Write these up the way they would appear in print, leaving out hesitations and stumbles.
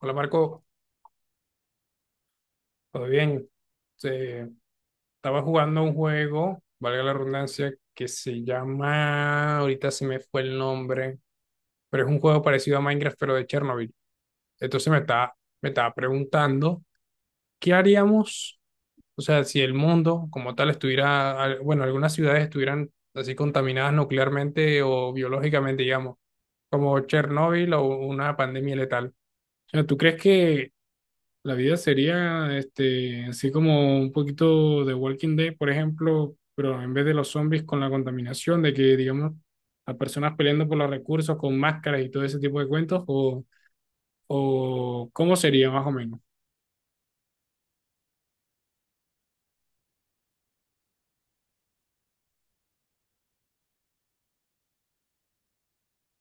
Hola Marco, ¿todo bien? Eh, Estaba jugando un juego, valga la redundancia, que se llama, ahorita se me fue el nombre, pero es un juego parecido a Minecraft, pero de Chernobyl. Entonces me estaba, Me estaba preguntando, ¿qué haríamos? O sea, si el mundo como tal estuviera, bueno, algunas ciudades estuvieran así contaminadas nuclearmente o biológicamente, digamos, como Chernobyl o una pandemia letal. O sea, ¿tú crees que la vida sería así como un poquito de Walking Dead, por ejemplo, pero en vez de los zombies con la contaminación, de que, digamos, las personas peleando por los recursos con máscaras y todo ese tipo de cuentos, o cómo sería más o menos?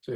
¿Sí?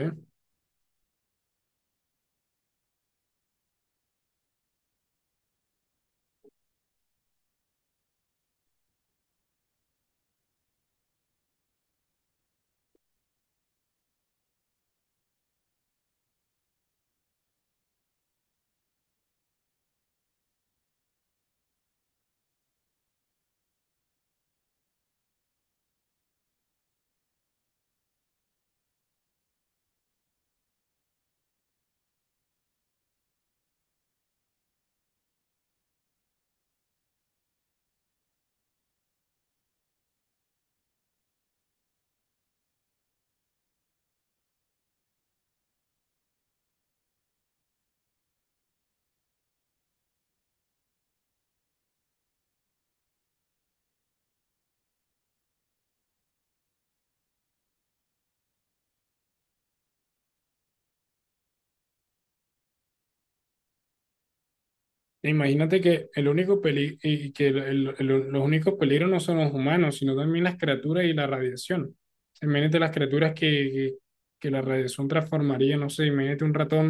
Imagínate que el único peli y que el- los únicos peligros no son los humanos, sino también las criaturas y la radiación. Imagínate las criaturas que, que la radiación transformaría, no sé, imagínate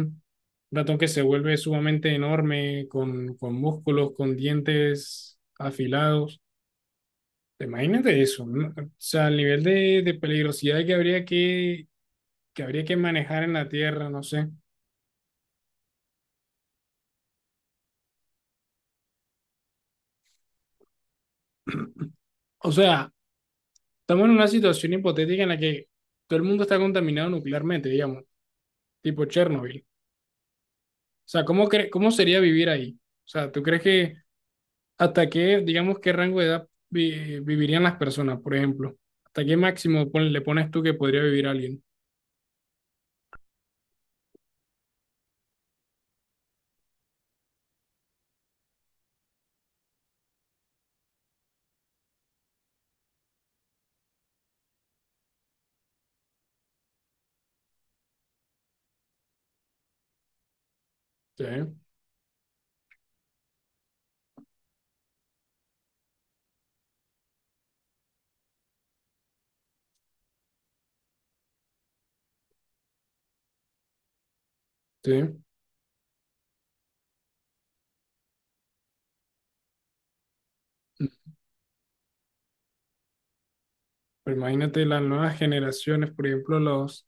un ratón que se vuelve sumamente enorme, con músculos, con dientes afilados. Imagínate eso, ¿no? O sea, el nivel de peligrosidad que habría que manejar en la Tierra, no sé. O sea, estamos en una situación hipotética en la que todo el mundo está contaminado nuclearmente, digamos, tipo Chernobyl. O sea, ¿cómo sería vivir ahí? O sea, ¿tú crees que hasta qué, digamos, qué rango de edad vivirían las personas, por ejemplo? ¿Hasta qué máximo le pones tú que podría vivir alguien? Sí, sí. Pero imagínate las nuevas generaciones, por ejemplo,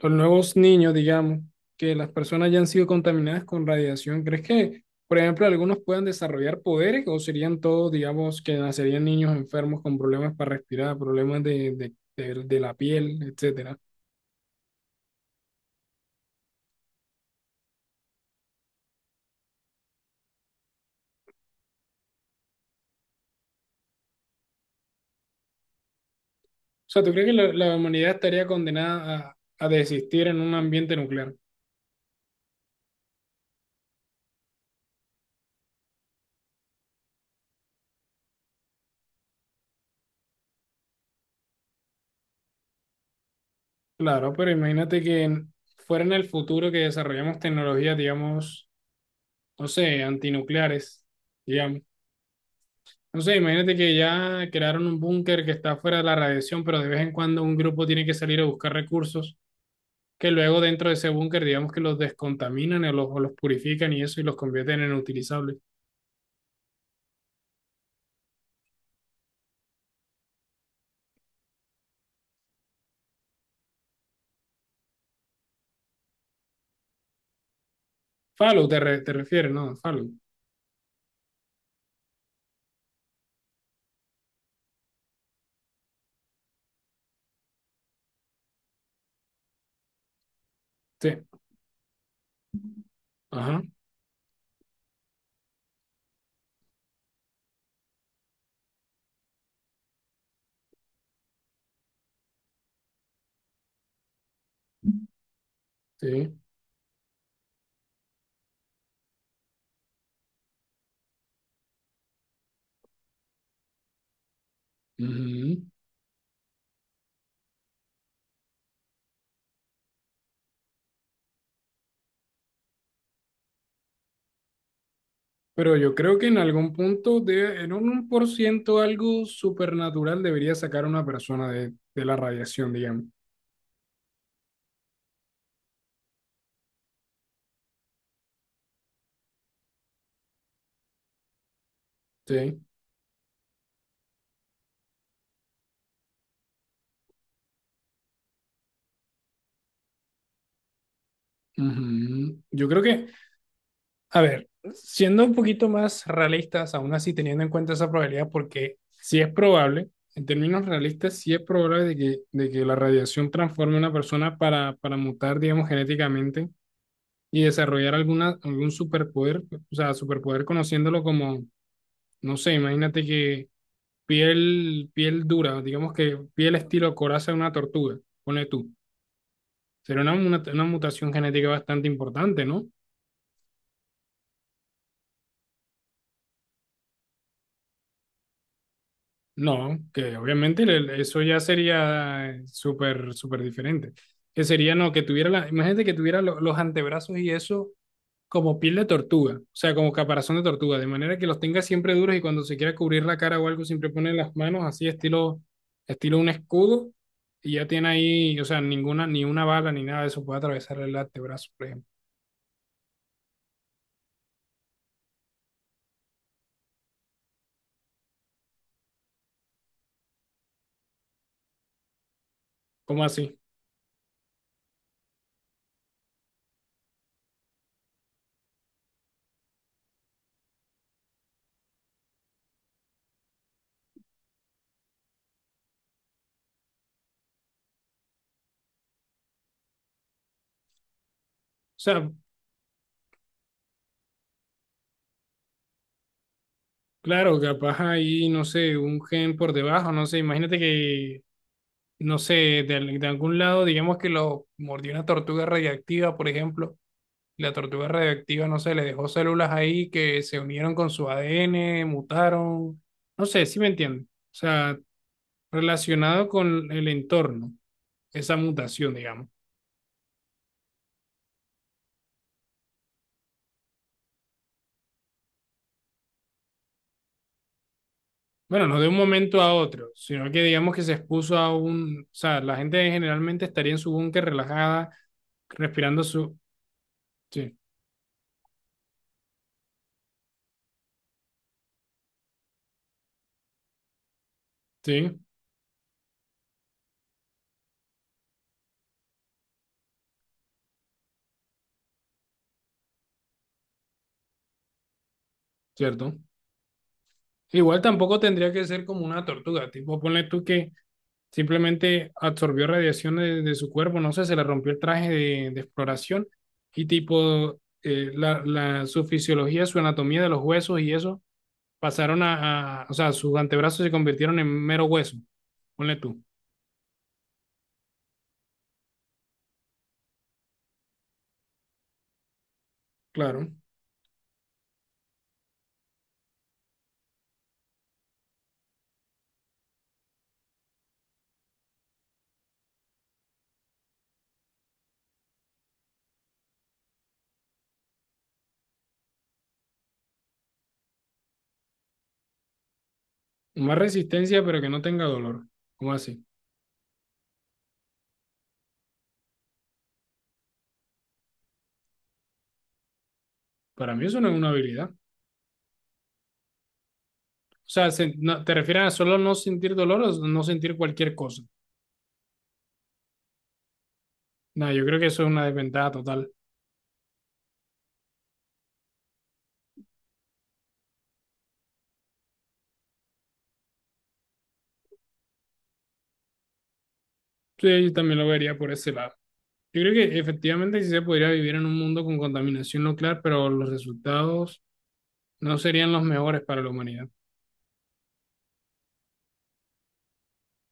los nuevos niños, digamos, que las personas ya han sido contaminadas con radiación. ¿Crees que, por ejemplo, algunos puedan desarrollar poderes o serían todos, digamos, que nacerían niños enfermos con problemas para respirar, problemas de la piel, etcétera? O sea, ¿tú crees que la humanidad estaría condenada a desistir en un ambiente nuclear? Claro, pero imagínate fuera en el futuro que desarrollamos tecnologías, digamos, no sé, antinucleares, digamos. No sé, imagínate que ya crearon un búnker que está fuera de la radiación, pero de vez en cuando un grupo tiene que salir a buscar recursos que luego dentro de ese búnker, digamos que los descontaminan o los purifican y eso y los convierten en utilizables. Te refieres ¿no? Fallout. Sí. Ajá. Sí. Ujú. Pero yo creo que en algún punto, de, en un uno por ciento algo supernatural debería sacar a una persona de la radiación, digamos. Sí. Ujú. Yo creo que a ver, siendo un poquito más realistas, aún así teniendo en cuenta esa probabilidad, porque sí es probable, en términos realistas, sí es probable de que la radiación transforme a una persona para mutar, digamos, genéticamente y desarrollar algún superpoder, o sea, superpoder conociéndolo como, no sé, imagínate que piel dura, digamos que piel estilo coraza de una tortuga, pone tú. Sería una mutación genética bastante importante, ¿no? No, que obviamente eso ya sería súper diferente. Que sería, no, que tuviera la, imagínate que tuviera los antebrazos y eso como piel de tortuga, o sea, como caparazón de tortuga, de manera que los tenga siempre duros y cuando se quiera cubrir la cara o algo, siempre pone las manos así, estilo un escudo, y ya tiene ahí, o sea, ninguna, ni una bala ni nada de eso puede atravesar el antebrazo, por ejemplo. ¿Cómo así? O sea, claro, capaz ahí, no sé, un gen por debajo, no sé, imagínate que no sé, de algún lado, digamos que lo mordió una tortuga radiactiva, por ejemplo. Y la tortuga radiactiva, no sé, le dejó células ahí que se unieron con su ADN, mutaron. No sé, si me entienden. O sea, relacionado con el entorno, esa mutación, digamos. Bueno, no de un momento a otro, sino que digamos que se expuso a un... O sea, la gente generalmente estaría en su búnker relajada, respirando su... Sí, sí, cierto. Igual tampoco tendría que ser como una tortuga, tipo, ponle tú que simplemente absorbió radiación de su cuerpo, no sé, se le rompió el traje de exploración y tipo su fisiología, su anatomía de los huesos y eso pasaron o sea, sus antebrazos se convirtieron en mero hueso, ponle tú, claro. Más resistencia, pero que no tenga dolor. ¿Cómo así? Para mí eso no es una habilidad. O sea, se, no, ¿te refieres a solo no sentir dolor o no sentir cualquier cosa? No, yo creo que eso es una desventaja total. Sí, yo también lo vería por ese lado. Yo creo que efectivamente sí se podría vivir en un mundo con contaminación nuclear, pero los resultados no serían los mejores para la humanidad.